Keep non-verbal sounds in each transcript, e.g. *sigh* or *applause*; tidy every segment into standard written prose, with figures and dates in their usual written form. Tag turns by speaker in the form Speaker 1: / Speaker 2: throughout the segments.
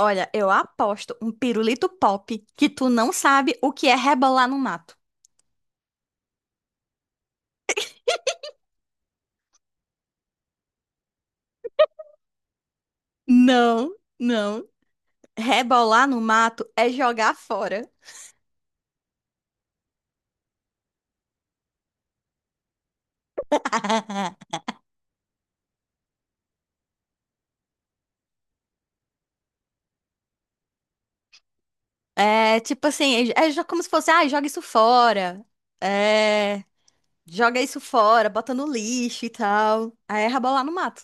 Speaker 1: Olha, eu aposto um pirulito pop que tu não sabe o que é rebolar no mato. Não, não. Rebolar no mato é jogar fora. *laughs* É tipo assim, como se fosse, ah, joga isso fora. É, joga isso fora, bota no lixo e tal. Aí é rebolar no mato.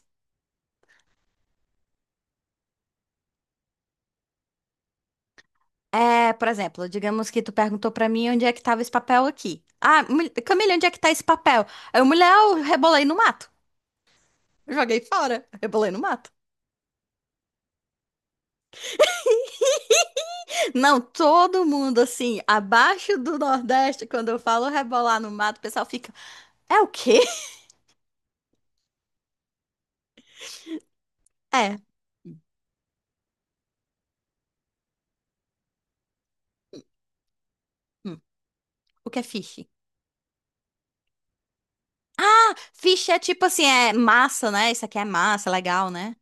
Speaker 1: É, por exemplo, digamos que tu perguntou pra mim onde é que tava esse papel aqui. Camila, onde é que tá esse papel? Aí eu, mulher, eu rebolei no mato. Joguei fora, rebolei no mato. Não, todo mundo assim, abaixo do Nordeste, quando eu falo rebolar no mato, o pessoal fica, é o quê? É, hum, o que é fish? Ah, fish é tipo assim, é massa, né? Isso aqui é massa, legal, né?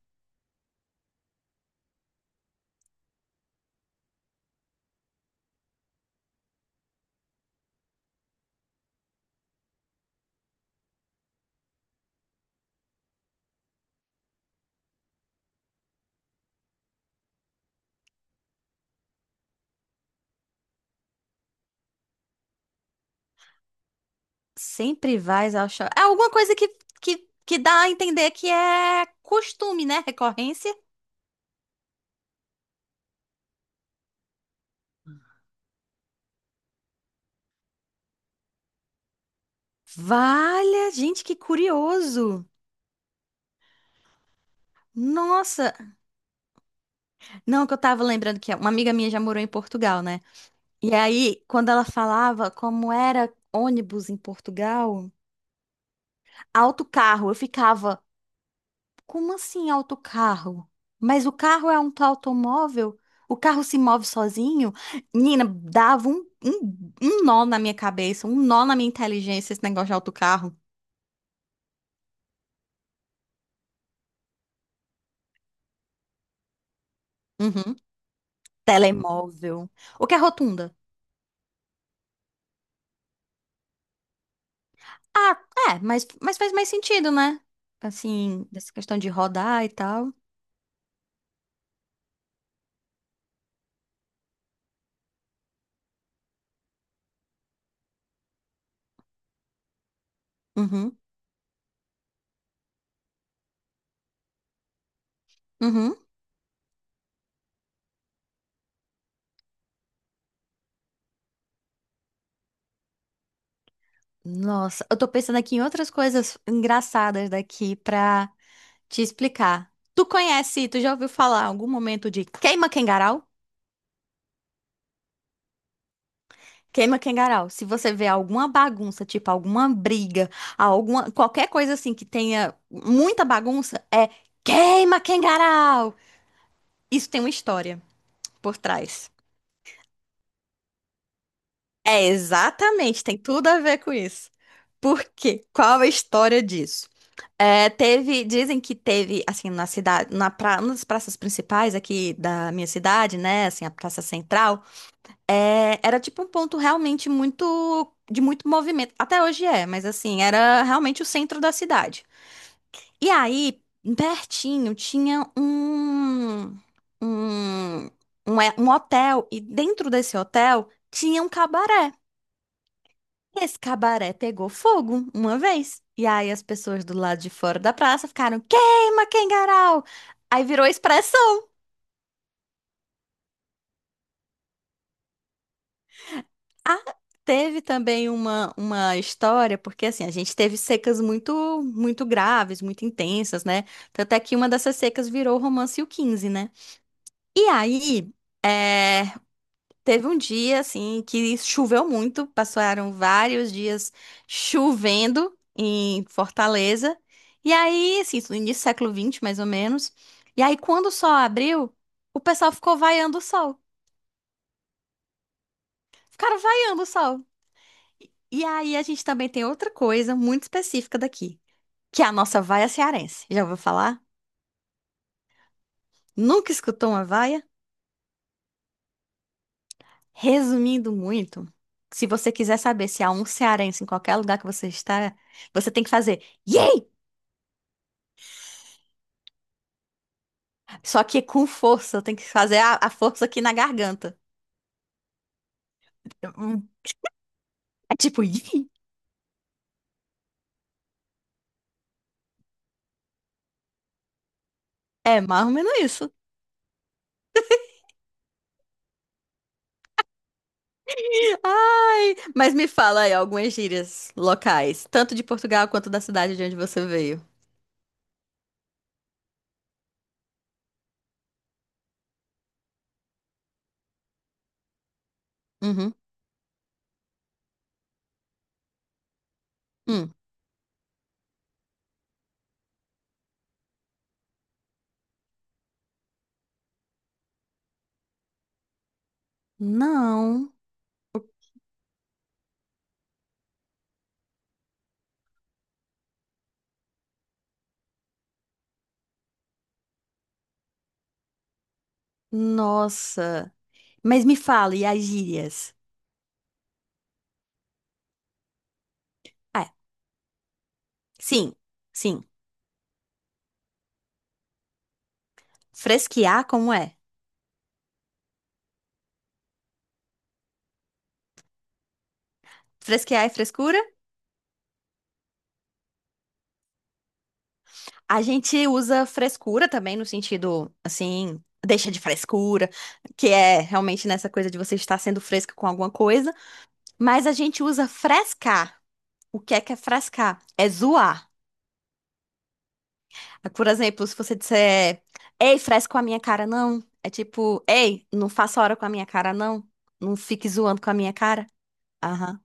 Speaker 1: Sempre vais ao shopping. É alguma coisa que, que dá a entender que é costume, né? Recorrência. Valha, gente, que curioso. Nossa, não, que eu tava lembrando que uma amiga minha já morou em Portugal, né? E aí, quando ela falava como era ônibus em Portugal, autocarro, eu ficava, como assim autocarro? Mas o carro é um automóvel? O carro se move sozinho? Nina, dava um nó na minha cabeça, um nó na minha inteligência esse negócio de autocarro. Uhum. Telemóvel. O que é rotunda? Ah, é, mas faz mais sentido, né? Assim, dessa questão de rodar e tal. Uhum. Uhum. Nossa, eu tô pensando aqui em outras coisas engraçadas daqui pra te explicar. Tu conhece, tu já ouviu falar em algum momento de queima Kengarau? Queima Kengarau. Se você vê alguma bagunça, tipo alguma briga, alguma qualquer coisa assim que tenha muita bagunça, é queima Kengarau. Isso tem uma história por trás. É, exatamente, tem tudo a ver com isso. Por quê? Qual a história disso? É, teve, dizem que teve, assim, na cidade, na pra, uma das praças principais aqui da minha cidade, né, assim, a praça central, é, era tipo um ponto realmente muito, de muito movimento, até hoje é, mas assim, era realmente o centro da cidade. E aí, pertinho, tinha um, um hotel, e dentro desse hotel tinha um cabaré. Esse cabaré pegou fogo uma vez. E aí as pessoas do lado de fora da praça ficaram: queima, Kengarau! Aí virou expressão. Ah, teve também uma história, porque assim, a gente teve secas muito, muito graves, muito intensas, né? Tanto é que uma dessas secas virou o romance e o 15, né? E aí. É Teve um dia, assim, que choveu muito, passaram vários dias chovendo em Fortaleza. E aí, assim, isso no início do século XX, mais ou menos. E aí, quando o sol abriu, o pessoal ficou vaiando o sol. Ficaram vaiando o sol. E aí, a gente também tem outra coisa muito específica daqui, que é a nossa vaia cearense. Já ouviu falar? Nunca escutou uma vaia? Resumindo muito, se você quiser saber se há um cearense em qualquer lugar que você está, você tem que fazer. Yay! Só que com força, eu tenho que fazer a força aqui na garganta. Hum, É tipo, *laughs* "ih". É mais ou menos isso. Ai, mas me fala aí algumas gírias locais, tanto de Portugal quanto da cidade de onde você veio. Uhum. Hum. Não. Nossa. Mas me fala, e as gírias? Ah, é. Sim, sim. Fresquear, como é? Fresquear é frescura? A gente usa frescura também, no sentido, assim, deixa de frescura, que é realmente nessa coisa de você estar sendo fresca com alguma coisa. Mas a gente usa frescar. O que é frescar? É zoar. Por exemplo, se você disser, ei, fresco com a minha cara, não. É tipo, ei, não faça hora com a minha cara, não. Não fique zoando com a minha cara. Aham.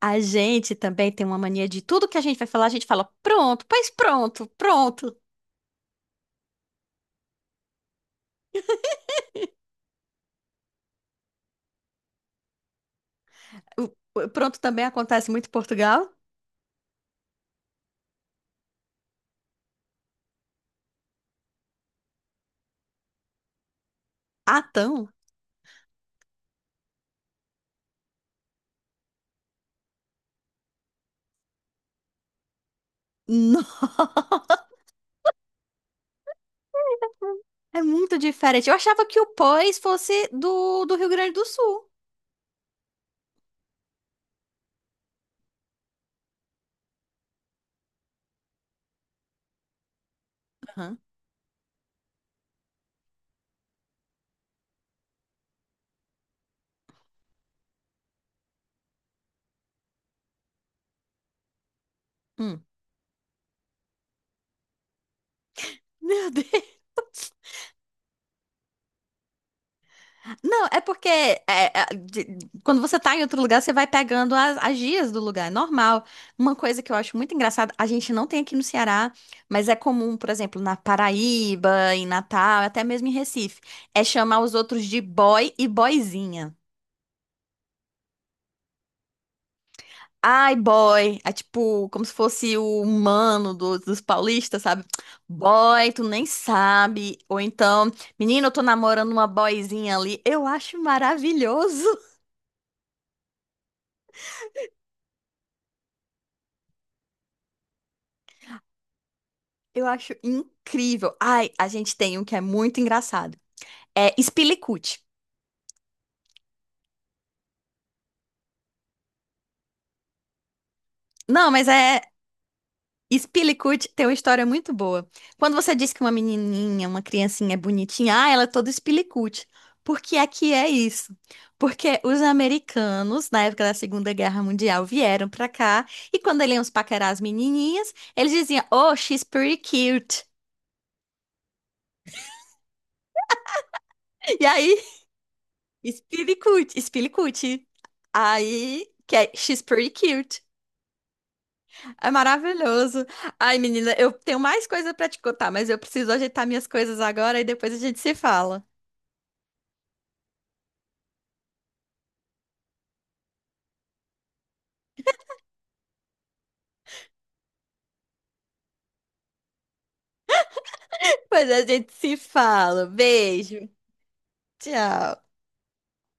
Speaker 1: A gente também tem uma mania de tudo que a gente vai falar, a gente fala pronto, pois pronto, pronto. O- o pronto também acontece muito em Portugal. Ah, tão? Não, é muito diferente. Eu achava que o pois fosse do Rio Grande do Sul. Aham. Hum. Meu *laughs* Deus. Não, é porque quando você tá em outro lugar, você vai pegando as gírias do lugar, é normal. Uma coisa que eu acho muito engraçada, a gente não tem aqui no Ceará, mas é comum, por exemplo, na Paraíba, em Natal, até mesmo em Recife, é chamar os outros de boy e boyzinha. Ai, boy. É tipo, como se fosse o humano dos paulistas, sabe? Boy, tu nem sabe. Ou então, menino, eu tô namorando uma boyzinha ali. Eu acho maravilhoso. *laughs* Eu acho incrível. Ai, a gente tem um que é muito engraçado. É Spilicute. Não, mas é Spillicut, tem uma história muito boa. Quando você diz que uma menininha, uma criancinha é bonitinha, ah, ela é toda Spillicut. Porque aqui é que é isso. Porque os americanos, na época da Segunda Guerra Mundial, vieram pra cá e quando eles iam paquerar as menininhas, eles diziam, oh, she's pretty cute. E aí, Spillicut, Spillicut. Aí, que é she's pretty cute. É maravilhoso. Ai, menina, eu tenho mais coisa pra te contar, mas eu preciso ajeitar minhas coisas agora e depois a gente se fala. Mas a gente se fala. Beijo. Tchau.